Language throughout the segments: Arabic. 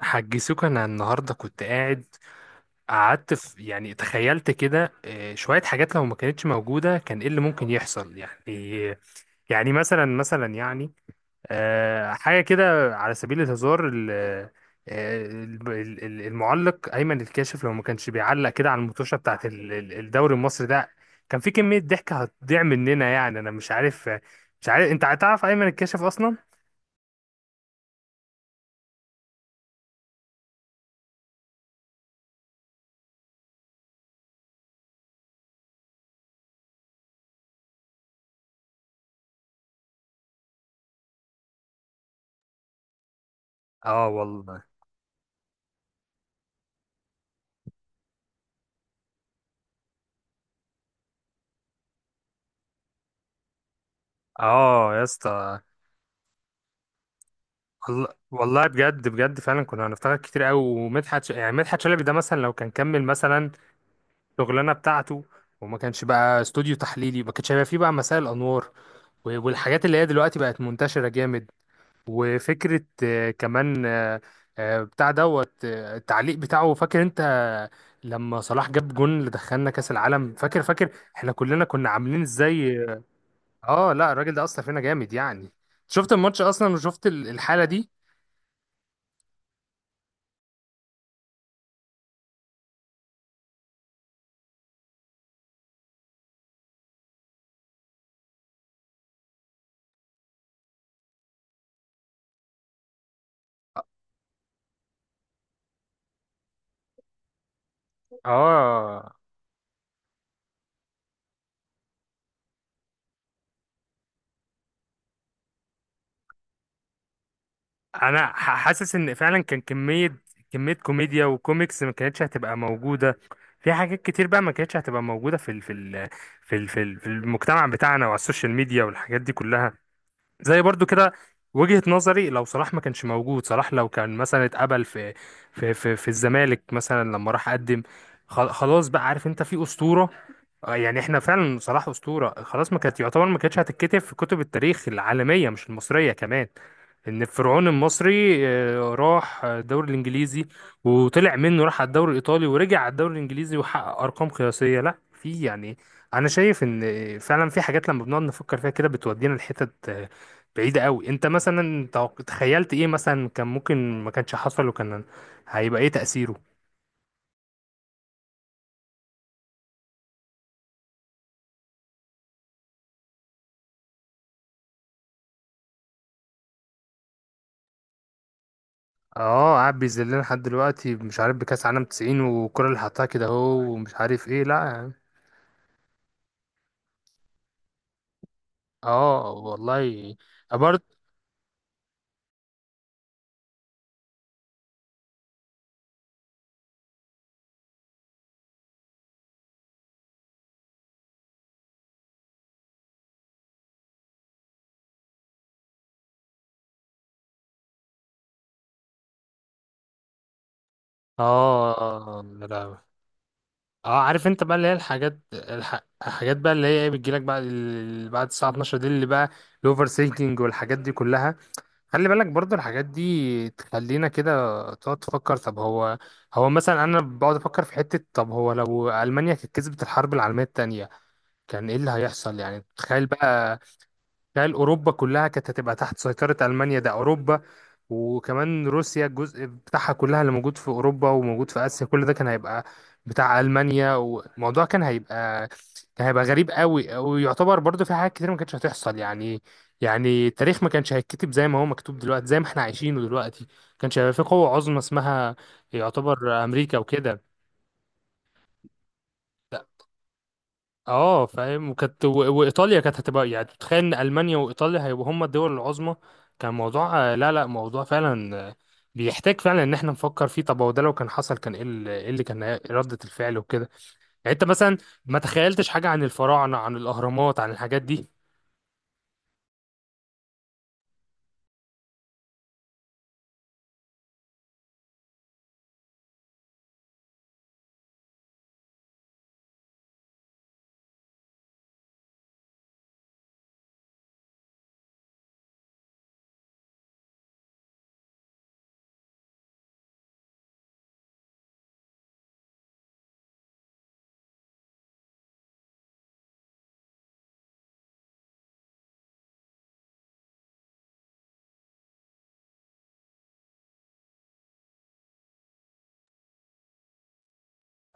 حاج سوكا انا النهارده كنت قعدت في يعني تخيلت كده شويه حاجات لو ما كانتش موجوده كان ايه اللي ممكن يحصل يعني. يعني مثلا يعني حاجه كده على سبيل الهزار المعلق ايمن الكاشف لو ما كانش بيعلق كده على المطوشه بتاعت الدوري المصري ده. كان في كميه ضحك هتضيع مننا يعني، انا مش عارف انت هتعرف ايمن الكاشف اصلا. اه والله. اه يا اسطى. والله والله بجد بجد فعلا كنا هنفتكر كتير قوي. ومدحت ش... يعني مدحت شلبي ده مثلا لو كان كمل مثلا شغلانه بتاعته، وما كانش بقى استوديو تحليلي، ما كانش هيبقى فيه بقى مساء الانوار، والحاجات اللي هي دلوقتي بقت منتشره جامد. وفكره كمان بتاع دوت التعليق بتاعه، فاكر انت لما صلاح جاب جون اللي دخلنا كاس العالم؟ فاكر فاكر احنا كلنا كنا عاملين ازاي؟ اه لا، الراجل ده اثر فينا جامد يعني. شفت الماتش اصلا وشفت الحاله دي. اه، انا حاسس ان فعلا كان كميه كميه كوميديا وكوميكس ما كانتش هتبقى موجوده. في حاجات كتير بقى ما كانتش هتبقى موجوده في المجتمع بتاعنا وعلى السوشيال ميديا والحاجات دي كلها. زي برضو كده، وجهة نظري لو صلاح ما كانش موجود، صلاح لو كان مثلا اتقبل في الزمالك مثلا لما راح قدم، خلاص بقى عارف انت في اسطوره. يعني احنا فعلا صلاح اسطوره خلاص، ما كانت يعتبر ما كانتش هتتكتب في كتب التاريخ العالميه مش المصريه كمان، ان الفرعون المصري راح الدوري الانجليزي وطلع منه، راح على الدوري الايطالي ورجع على الدوري الانجليزي وحقق ارقام قياسيه. لا في يعني، انا شايف ان فعلا في حاجات لما بنقعد نفكر فيها كده بتودينا لحتت بعيده قوي. انت مثلا تخيلت ايه مثلا كان ممكن ما كانش حصل وكان هيبقى ايه تاثيره؟ اه، قاعد بيذلنا لحد دلوقتي، مش عارف بكاس عالم 90 والكرة اللي حطها كده اهو ومش عارف ايه لا يعني. اه والله. برضه. اه لا لا. اه، عارف انت بقى اللي هي الحاجات بقى اللي هي ايه بتجيلك بعد بعد الساعة 12 دي، اللي بقى الاوفر سينكينج والحاجات دي كلها. خلي بالك برضه الحاجات دي تخلينا كده تقعد تفكر. طب هو مثلا انا بقعد افكر في حتة، طب هو لو المانيا كانت كسبت الحرب العالمية التانية كان ايه اللي هيحصل يعني؟ تخيل بقى، تخيل اوروبا كلها كانت هتبقى تحت سيطرة المانيا، ده اوروبا وكمان روسيا الجزء بتاعها كلها اللي موجود في اوروبا وموجود في اسيا، كل ده كان هيبقى بتاع المانيا. والموضوع كان هيبقى، كان هيبقى غريب قوي، ويعتبر برضو في حاجات كتير ما كانتش هتحصل يعني. يعني التاريخ ما كانش هيتكتب زي ما هو مكتوب دلوقتي، زي ما احنا عايشينه دلوقتي. ما كانش هيبقى في قوة عظمى اسمها يعتبر امريكا وكده. اه فاهم. وكانت وايطاليا كانت هتبقى، يعني تتخيل ان المانيا وايطاليا هيبقوا هما الدول العظمى. كان موضوع لا لا، موضوع فعلا بيحتاج فعلا ان احنا نفكر فيه. طب هو ده لو كان حصل كان ايه إيه اللي كان ردة الفعل وكده. يعني انت مثلا ما تخيلتش حاجة عن الفراعنة، عن الاهرامات، عن الحاجات دي؟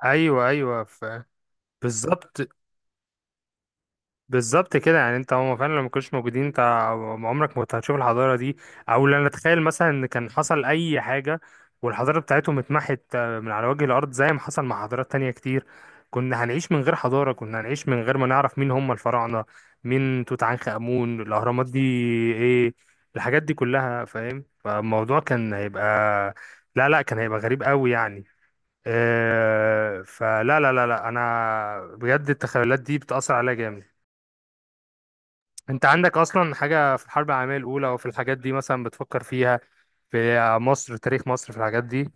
ايوه ايوه، بالظبط. بالظبط كده يعني، انت هم فعلا لو ما كانوش موجودين انت عمرك ما كنت هتشوف الحضاره دي. او لا نتخيل مثلا ان كان حصل اي حاجه والحضاره بتاعتهم اتمحت من على وجه الارض زي ما حصل مع حضارات تانية كتير. كنا هنعيش من غير حضاره، كنا هنعيش من غير ما نعرف مين هم الفراعنه، مين توت عنخ امون، الاهرامات دي ايه، الحاجات دي كلها فاهم. فالموضوع كان هيبقى، لا لا كان هيبقى غريب قوي يعني. فلا لا لا لا، انا بجد التخيلات دي بتأثر عليا جامد. انت عندك اصلا حاجة في الحرب العالمية الاولى او في الحاجات دي مثلا بتفكر فيها، في مصر، تاريخ مصر، في الحاجات دي؟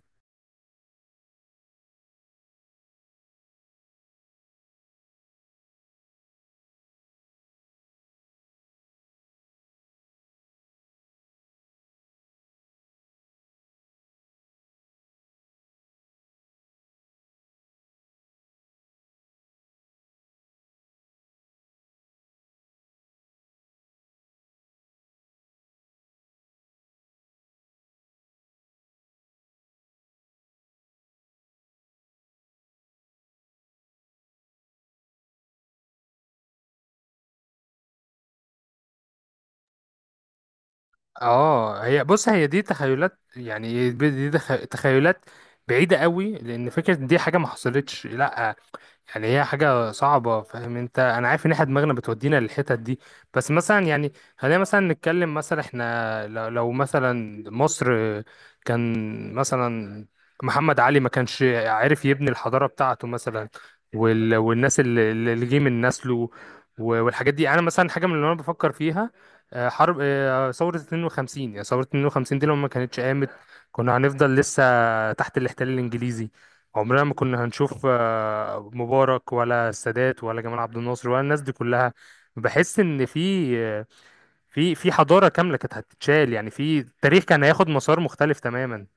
اه، هي بص هي دي تخيلات يعني، دي تخيلات بعيدة قوي، لان فكرة إن دي حاجة ما حصلتش لا. يعني هي حاجة صعبة فاهم انت، انا عارف ان احنا دماغنا بتودينا للحتت دي، بس مثلا يعني خلينا مثلا نتكلم. مثلا احنا لو مثلا مصر، كان مثلا محمد علي ما كانش عارف يبني الحضارة بتاعته مثلا، والناس اللي جه من نسله والحاجات دي، انا مثلا حاجة من اللي انا بفكر فيها. حرب ثورة 52، يعني ثورة 52 دي لو ما كانتش قامت كنا هنفضل لسه تحت الاحتلال الانجليزي، عمرنا ما كنا هنشوف مبارك ولا السادات ولا جمال عبد الناصر ولا الناس دي كلها. بحس ان في آه، في حضارة كاملة كانت هتتشال، يعني في التاريخ كان هياخد مسار مختلف تماما.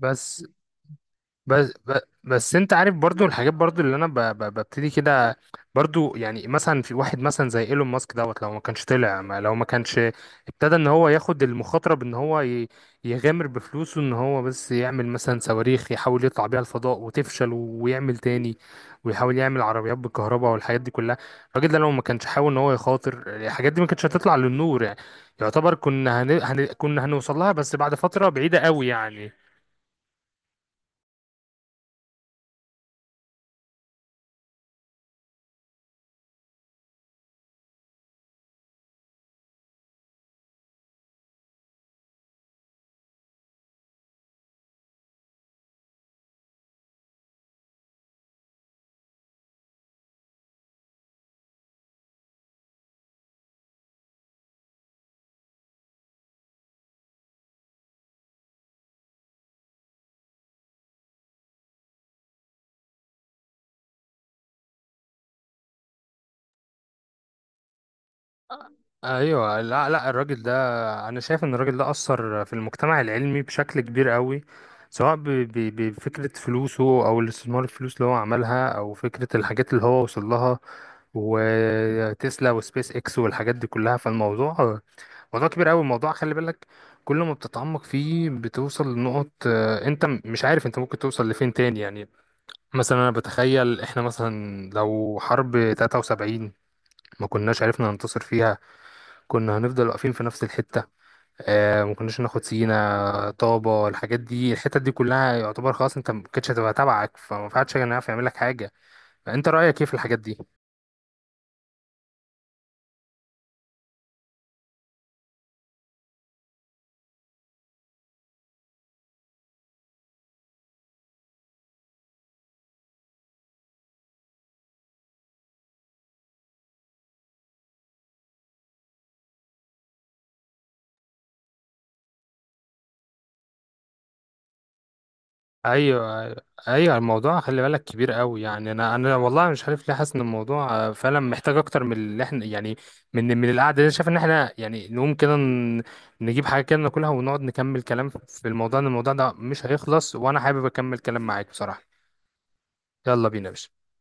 بس بس ب- بس انت عارف برضو الحاجات، برضو اللي انا ببتدي كده. برضو يعني مثلا في واحد مثلا زي ايلون ماسك دوت لو ما كانش طلع، ما لو ما كانش ابتدى ان هو ياخد المخاطره، بان هو يغامر بفلوسه ان هو بس يعمل مثلا صواريخ يحاول يطلع بيها الفضاء وتفشل ويعمل تاني، ويحاول يعمل عربيات بالكهرباء والحاجات دي كلها. الراجل ده لو ما كانش حاول ان هو يخاطر الحاجات دي ما كانتش هتطلع للنور يعني. يعتبر كنا كنا هنوصل لها بس بعد فتره بعيده قوي يعني. ايوه لا لا، الراجل ده، انا شايف ان الراجل ده اثر في المجتمع العلمي بشكل كبير قوي، سواء بفكره فلوسه او الاستثمار الفلوس اللي هو عملها او فكره الحاجات اللي هو وصل لها، وتسلا وسبيس اكس والحاجات دي كلها. فالموضوع موضوع كبير قوي، الموضوع خلي بالك كل ما بتتعمق فيه بتوصل لنقط انت مش عارف انت ممكن توصل لفين تاني يعني. مثلا انا بتخيل احنا مثلا لو حرب 73 ما كناش عرفنا ننتصر فيها كنا هنفضل واقفين في نفس الحتة. ما كناش ناخد سينا طابة، الحاجات دي الحتت دي كلها يعتبر خلاص، انت ما كانتش هتبقى تبعك، فما فيهاش حاجة يعرف يعمل لك حاجة. فانت رأيك ايه في الحاجات دي؟ ايوه ايوه، الموضوع خلي بالك كبير قوي يعني. انا والله مش عارف ليه حاسس ان الموضوع فعلا محتاج اكتر من اللي احنا يعني، من القعده دي. أنا شايف ان احنا يعني نقوم كده نجيب حاجه كده ناكلها ونقعد نكمل كلام في الموضوع، ان الموضوع ده مش هيخلص وانا حابب اكمل كلام معاك بصراحه. يلا بينا يا باشا.